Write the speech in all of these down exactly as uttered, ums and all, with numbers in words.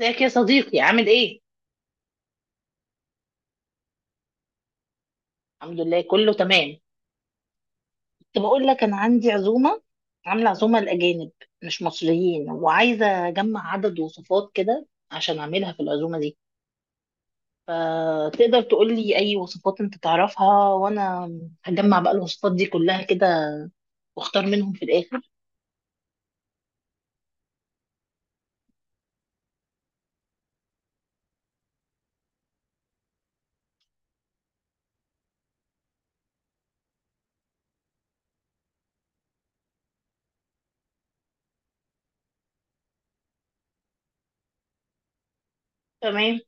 ازيك يا صديقي، عامل ايه؟ الحمد لله كله تمام. كنت بقول لك انا عندي عزومه، عامله عزومه لاجانب مش مصريين، وعايزه اجمع عدد وصفات كده عشان اعملها في العزومه دي. فتقدر تقول لي اي وصفات انت تعرفها، وانا هجمع بقى الوصفات دي كلها كده واختار منهم في الاخر. تمام.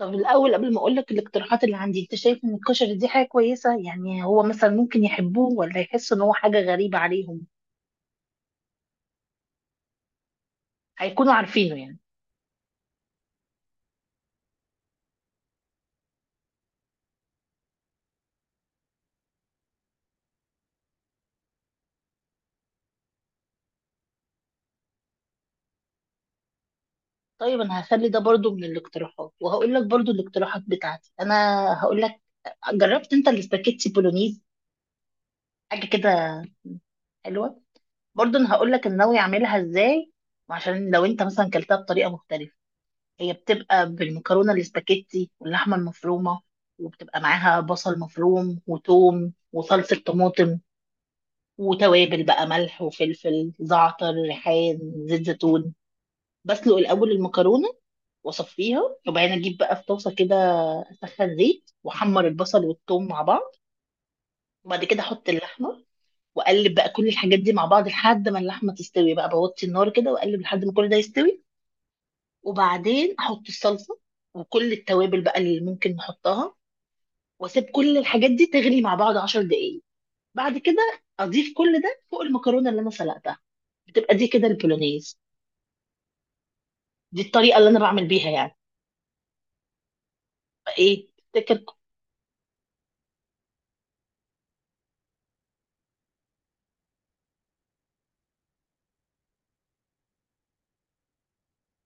طب الاول قبل ما اقول لك الاقتراحات اللي عندي، انت شايف ان الكشري دي حاجه كويسه؟ يعني هو مثلا ممكن يحبوه، ولا يحس ان هو حاجه غريبه عليهم؟ هيكونوا عارفينه يعني؟ طيب انا هخلي ده برضو من الاقتراحات، وهقول لك برضو الاقتراحات بتاعتي انا. هقول لك، جربت انت الاسباجيتي بولونيز؟ حاجه كده حلوه. برضو انا هقول لك انا ناوي اعملها ازاي، عشان لو انت مثلا كلتها بطريقه مختلفه. هي بتبقى بالمكرونه الاسباجيتي واللحمه المفرومه، وبتبقى معاها بصل مفروم وتوم وصلصه طماطم، وتوابل بقى ملح وفلفل زعتر ريحان، زيت زيتون. بسلق الاول المكرونه واصفيها، وبعدين اجيب بقى في طاسه كده، اسخن زيت واحمر البصل والثوم مع بعض، وبعد كده احط اللحمه، واقلب بقى كل الحاجات دي مع بعض لحد ما اللحمه تستوي، بقى بوطي النار كده واقلب لحد ما كل ده يستوي. وبعدين احط الصلصه وكل التوابل بقى اللي ممكن نحطها، واسيب كل الحاجات دي تغلي مع بعض 10 دقايق. بعد كده اضيف كل ده فوق المكرونه اللي انا سلقتها. بتبقى دي كده البولونيز. دي الطريقه اللي انا بعمل بيها يعني. فايه تفتكر؟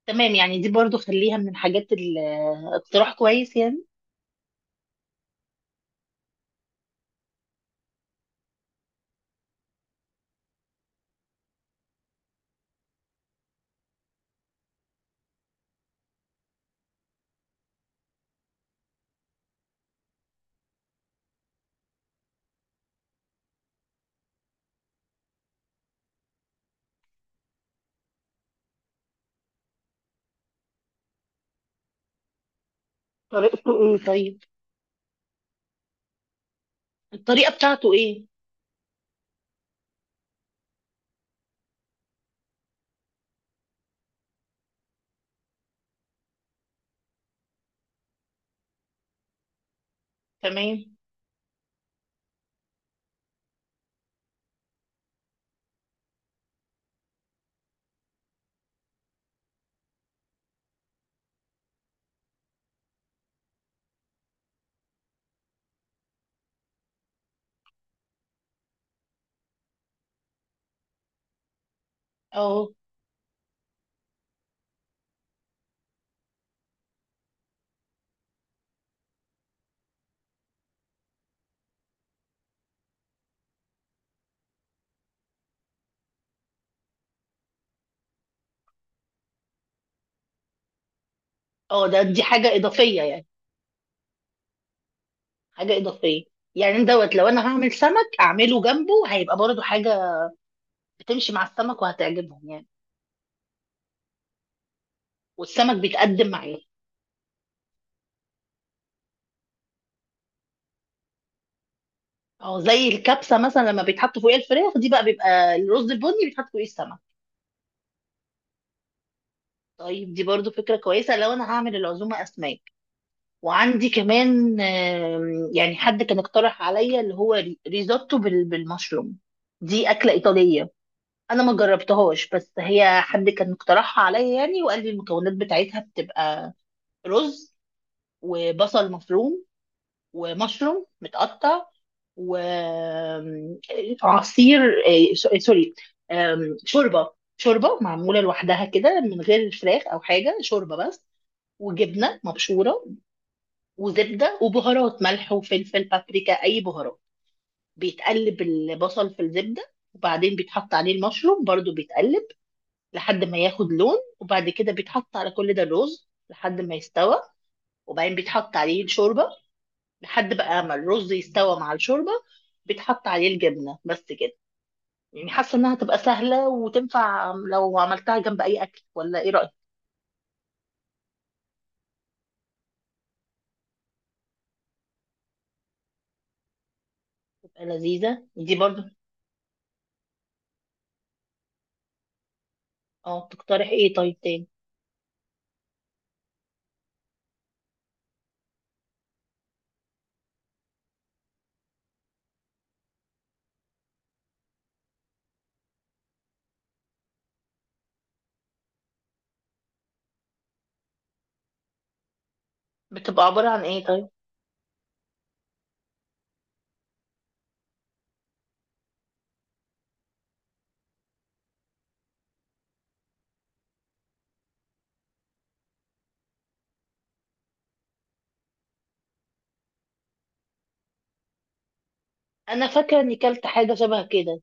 تمام. يعني دي برضو خليها من الحاجات ال- اقتراح كويس يعني. طريقته ايه طيب؟ الطريقة بتاعته ايه؟ تمام. اه. اه، ده دي حاجة إضافية يعني. حاجة إضافية. يعني دوت لو انا هعمل سمك اعمله جنبه، هيبقى برضو حاجة بتمشي مع السمك وهتعجبهم يعني. والسمك بيتقدم معاه. اه، زي الكبسة مثلا لما بيتحط فوقيها الفراخ، دي بقى بيبقى الرز البني بيتحط فوقيه السمك. طيب دي برضو فكرة كويسة لو انا هعمل العزومة اسماك. وعندي كمان، آم، يعني حد كان اقترح عليا اللي هو ري- ريزوتو بال- بالمشروم. دي أكلة إيطالية. أنا ما جربتهاش، بس هي حد كان اقترحها عليا يعني، وقال لي المكونات بتاعتها بتبقى رز وبصل مفروم ومشروم متقطع وعصير، سوري، آم، شوربة شوربة معمولة لوحدها كده من غير فراخ أو حاجة، شوربة بس، وجبنة مبشورة وزبده وبهارات، ملح وفلفل بابريكا اي بهارات. بيتقلب البصل في الزبده، وبعدين بيتحط عليه المشروم برضو بيتقلب لحد ما ياخد لون، وبعد كده بيتحط على كل ده الرز لحد ما يستوى، وبعدين بيتحط عليه الشوربه لحد بقى ما الرز يستوى مع الشوربه، بيتحط عليه الجبنه بس كده. يعني حاسه انها تبقى سهله وتنفع لو عملتها جنب اي اكل، ولا ايه رايك؟ تبقى لذيذه دي برضو. اه، تقترح ايه طيب تاني؟ بتبقى عباره عن ايه طيب؟ انا فاكره اني كلت حاجه شبه كده.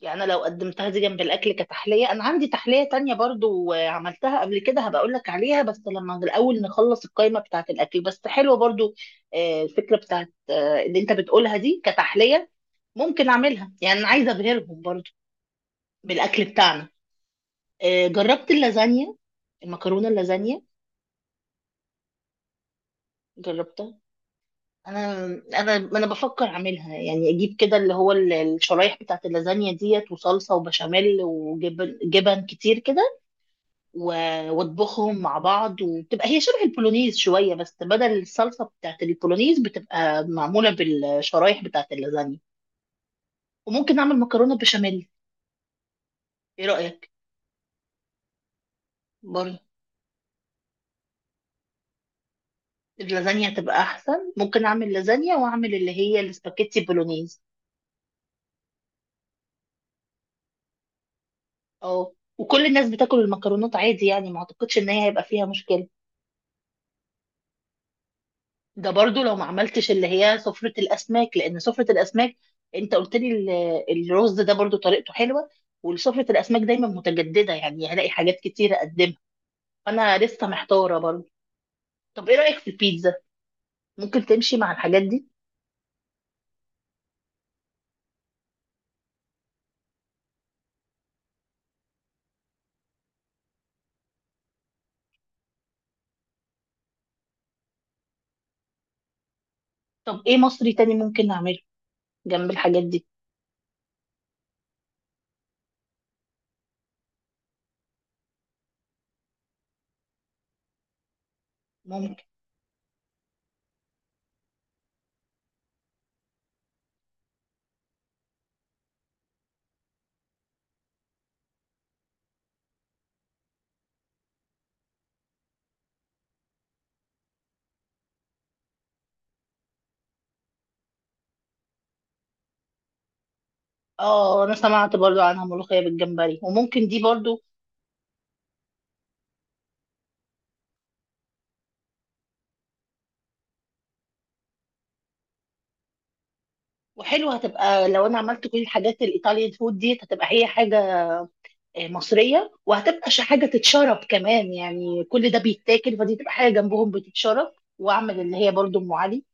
يعني أنا لو قدمتها دي جنب الاكل كتحليه، انا عندي تحليه تانية برضو، آه، عملتها قبل كده، هبقى اقول لك عليها بس لما الاول نخلص القائمه بتاعه الاكل. بس حلوه برضو، آه، الفكره بتاعه آه، اللي انت بتقولها دي كتحليه. ممكن اعملها، يعني انا عايزه ابهرهم برضو بالاكل بتاعنا. آه، جربت اللازانيا؟ المكرونه اللازانيا. جربتها. انا انا انا بفكر اعملها، يعني اجيب كده اللي هو ال- الشرايح بتاعت اللازانيا ديت وصلصه وبشاميل وجبن جبن كتير كده، و- واطبخهم مع بعض، وبتبقى هي شبه البولونيز شويه، بس بدل الصلصه بتاعت البولونيز بتبقى معموله بالشرايح بتاعت اللازانيا. وممكن اعمل مكرونه بشاميل. ايه رايك؟ برضه اللازانيا تبقى احسن. ممكن اعمل لازانيا واعمل اللي هي السباكيتي بولونيز. اه، وكل الناس بتاكل المكرونات عادي يعني، ما اعتقدش ان هي هيبقى فيها مشكله. ده برضو لو ما عملتش اللي هي سفرة الأسماك، لأن سفرة الأسماك، أنت قلت لي ال- الرز ده برضو طريقته حلوة. وسفرة الأسماك دايما متجددة، يعني هلاقي حاجات كتير أقدمها. فأنا لسه محتارة برضو. طب إيه رأيك في البيتزا؟ ممكن تمشي مع الحاجات دي؟ طب إيه مصري تاني ممكن نعمله جنب الحاجات دي؟ ممكن. آه، أنا سمعت برضو عنها ملوخية بالجمبري، وممكن دي برضو. وحلوة هتبقى لو أنا عملت كل الحاجات الإيطاليان فود دي، هتبقى هي حاجة مصريه، وهتبقى ش- حاجه تتشرب كمان يعني، كل ده بيتاكل فدي تبقى حاجه جنبهم بتتشرب. واعمل اللي هي برضو ام علي.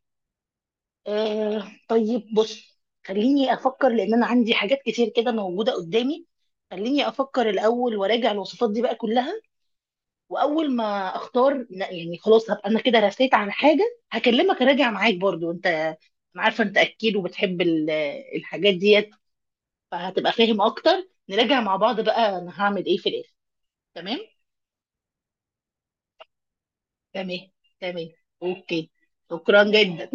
آه طيب، بص، خليني افكر لان انا عندي حاجات كتير كده موجوده قدامي. خليني افكر الاول وراجع الوصفات دي بقى كلها، واول ما اختار لا يعني خلاص هبقى انا كده رسيت على حاجه هكلمك، اراجع معاك برضو، انت انا عارفه انت اكيد وبتحب ال- الحاجات ديت، فهتبقى فاهم اكتر نراجع مع بعض بقى انا هعمل ايه في الاخر. تمام. تمام، تمام، اوكي. شكرا جدا.